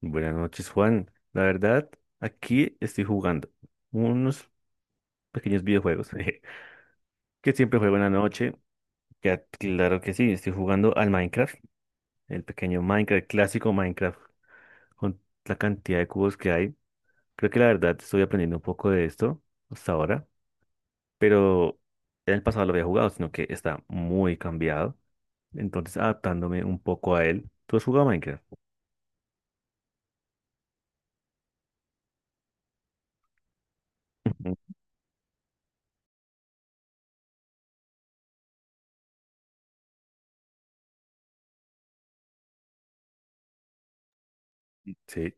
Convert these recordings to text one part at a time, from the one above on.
Buenas noches, Juan. La verdad, aquí estoy jugando unos pequeños videojuegos jeje, que siempre juego en la noche. Ya, claro que sí, estoy jugando al Minecraft, el pequeño Minecraft, el clásico Minecraft, con la cantidad de cubos que hay. Creo que la verdad estoy aprendiendo un poco de esto hasta ahora, pero en el pasado lo había jugado, sino que está muy cambiado. Entonces, adaptándome un poco a él. ¿Tú has jugado a Minecraft? Ujú. Sí,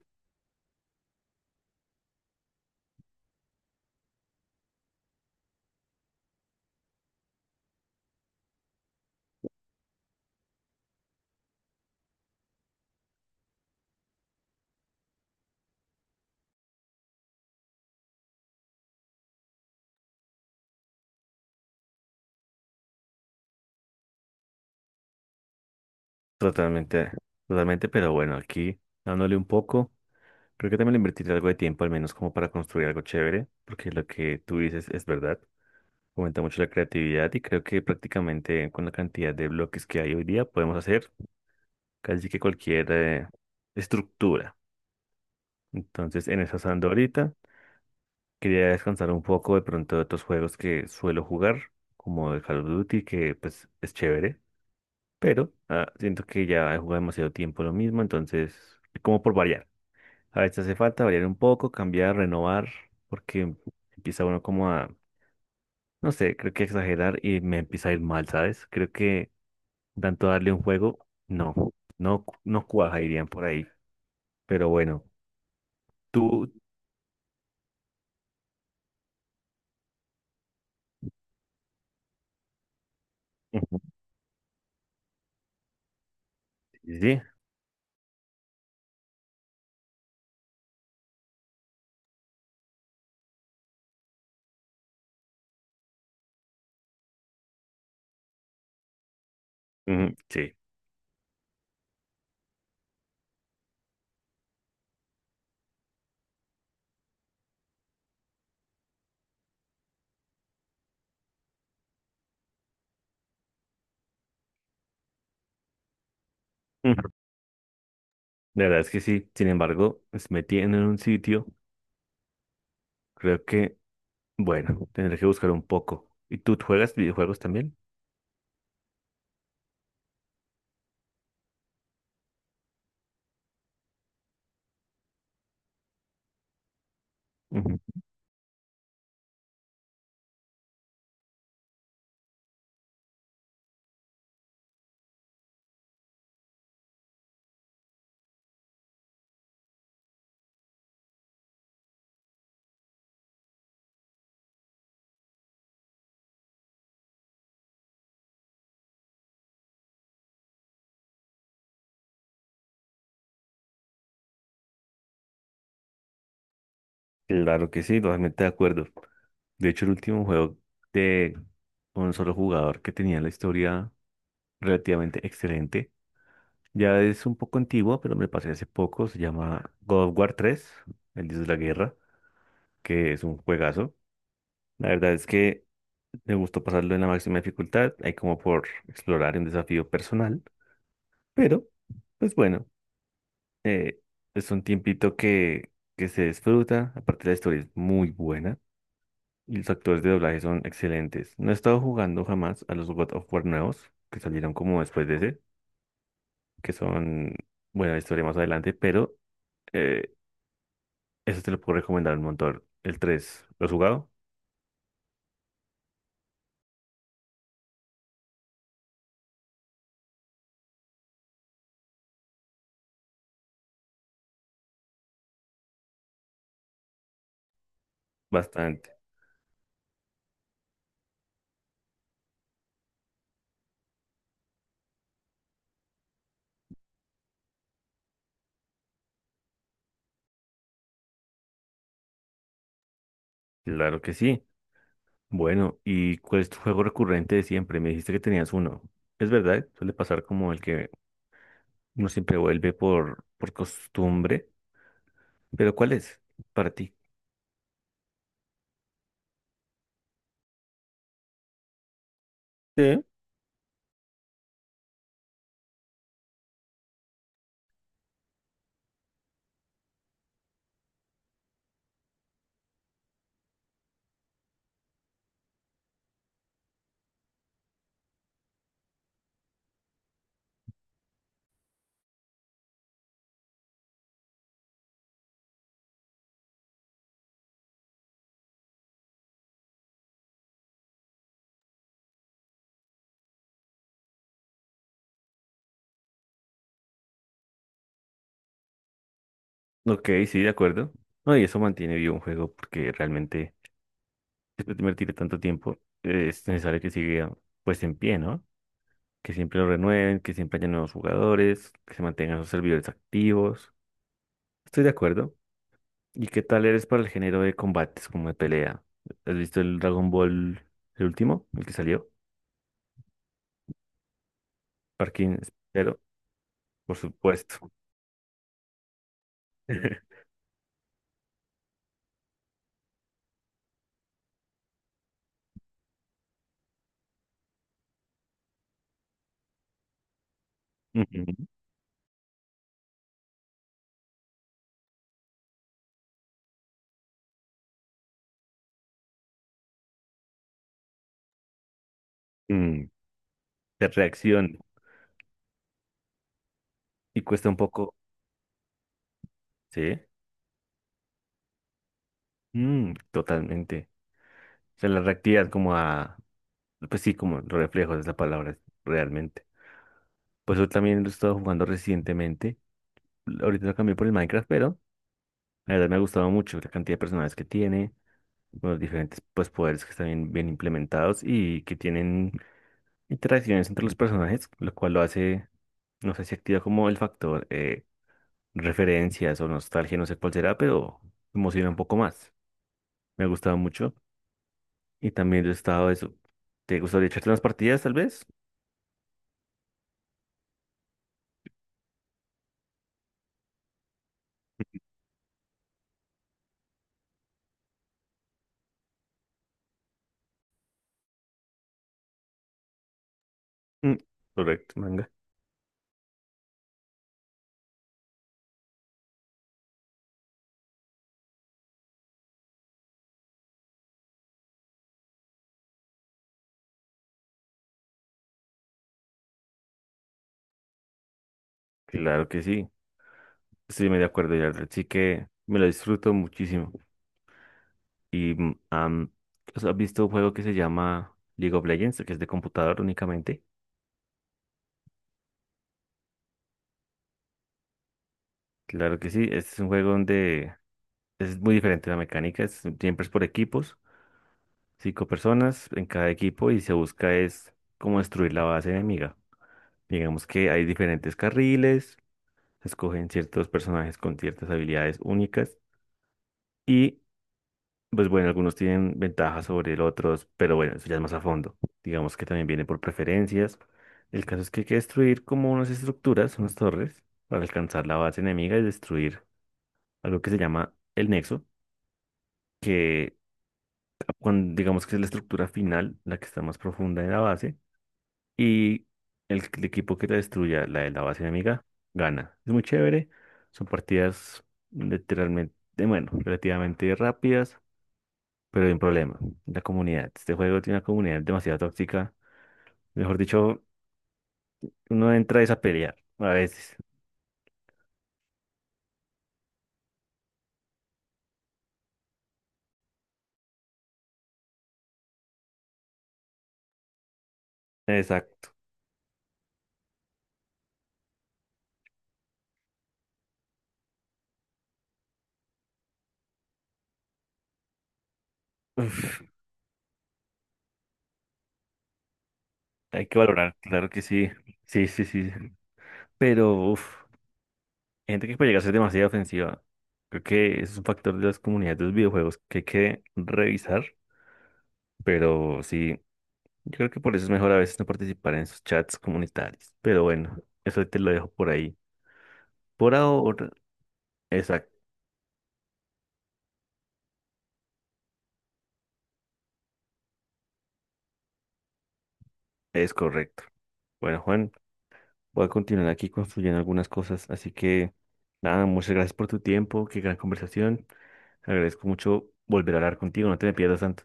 totalmente, totalmente, pero bueno, aquí dándole un poco. Creo que también le invertiré algo de tiempo, al menos como para construir algo chévere, porque lo que tú dices es verdad. Aumenta mucho la creatividad y creo que prácticamente con la cantidad de bloques que hay hoy día podemos hacer casi que cualquier estructura. Entonces, en eso ando ahorita. Quería descansar un poco de pronto de otros juegos que suelo jugar, como el Call of Duty, que pues es chévere, pero siento que ya he jugado demasiado tiempo lo mismo, entonces, como por variar. A veces hace falta variar un poco, cambiar, renovar, porque empieza uno como a, no sé, creo que exagerar y me empieza a ir mal, ¿sabes? Creo que tanto darle un juego, no, no, no cuaja, irían por ahí. Pero bueno, tú, Ujú. Sí, ujú, sí, ujú. La verdad es que sí, sin embargo, pues, me tienen en un sitio, creo que, bueno, tendré que buscar un poco. ¿Y tú juegas videojuegos también? Ujú. Claro que sí, totalmente de acuerdo. De hecho, el último juego de un solo jugador que tenía la historia relativamente excelente. Ya es un poco antiguo, pero me lo pasé hace poco. Se llama God of War 3, el Dios de la Guerra, que es un juegazo. La verdad es que me gustó pasarlo en la máxima dificultad. Hay como por explorar un desafío personal, pero pues bueno, eh, es un tiempito que se disfruta. Aparte, la historia es muy buena. Y los actores de doblaje son excelentes. No he estado jugando jamás a los God of War nuevos, que salieron como después de ese, que son, bueno, la historia más adelante, pero eh, eso te lo puedo recomendar un montón. El 3, ¿lo has jugado? Bastante. Claro que sí. Bueno, ¿y cuál es tu juego recurrente de siempre? Me dijiste que tenías uno. Es verdad, suele pasar como el que uno siempre vuelve por costumbre, pero ¿cuál es para ti? Sí. Ok, sí, de acuerdo. No, y eso mantiene vivo un juego porque realmente después de invertir tanto tiempo, es necesario que siga pues en pie, ¿no? Que siempre lo renueven, que siempre haya nuevos jugadores, que se mantengan sus servidores activos. Estoy de acuerdo. ¿Y qué tal eres para el género de combates como de pelea? ¿Has visto el Dragon Ball, el último, el que salió? Parking, pero por supuesto. Ujú. Mm, de reacción y cuesta un poco, ¿sí? Mm, totalmente. O sea, la reactividad como a, pues sí, como los reflejos es la palabra realmente. Pues eso también lo he estado jugando recientemente. Ahorita lo cambié por el Minecraft, pero la verdad me ha gustado mucho la cantidad de personajes que tiene, los diferentes pues, poderes que están bien, bien implementados y que tienen interacciones entre los personajes, lo cual lo hace, no sé si activa como el factor referencias o nostalgia, no sé cuál será, pero emociona un poco más. Me ha gustado mucho y también lo he estado eso. ¿Te gustaría echarte unas partidas tal vez? Mm, correcto, manga. Claro que sí, estoy muy de acuerdo, ya sí que me lo disfruto muchísimo. Y ¿has visto un juego que se llama League of Legends, que es de computador únicamente? Claro que sí, este es un juego donde es muy diferente la mecánica, siempre es por equipos, cinco personas en cada equipo y se busca es cómo destruir la base enemiga. Digamos que hay diferentes carriles, se escogen ciertos personajes con ciertas habilidades únicas y pues bueno, algunos tienen ventajas sobre el otros, pero bueno, eso ya es más a fondo. Digamos que también viene por preferencias. El caso es que hay que destruir como unas estructuras, unas torres, para alcanzar la base enemiga y destruir algo que se llama el nexo, que cuando, digamos que es la estructura final, la que está más profunda en la base, y el equipo que la destruya, la de la base enemiga, gana. Es muy chévere, son partidas literalmente, bueno, relativamente rápidas. Pero hay un problema, la comunidad. Este juego tiene una comunidad demasiado tóxica. Mejor dicho, uno entra es a pelear a veces. Exacto. Uf, hay que valorar, claro que sí. Sí, sí, sí. Pero, uf, hay gente que puede llegar a ser demasiado ofensiva. Creo que ese es un factor de las comunidades de los videojuegos que hay que revisar. Pero sí, yo creo que por eso es mejor a veces no participar en esos chats comunitarios. Pero bueno, eso te lo dejo por ahí. Por ahora, exacto, es correcto. Bueno, Juan. Voy a continuar aquí construyendo algunas cosas. Así que, nada, muchas gracias por tu tiempo. Qué gran conversación. Agradezco mucho volver a hablar contigo. No te me pierdas tanto.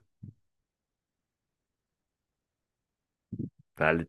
Dale.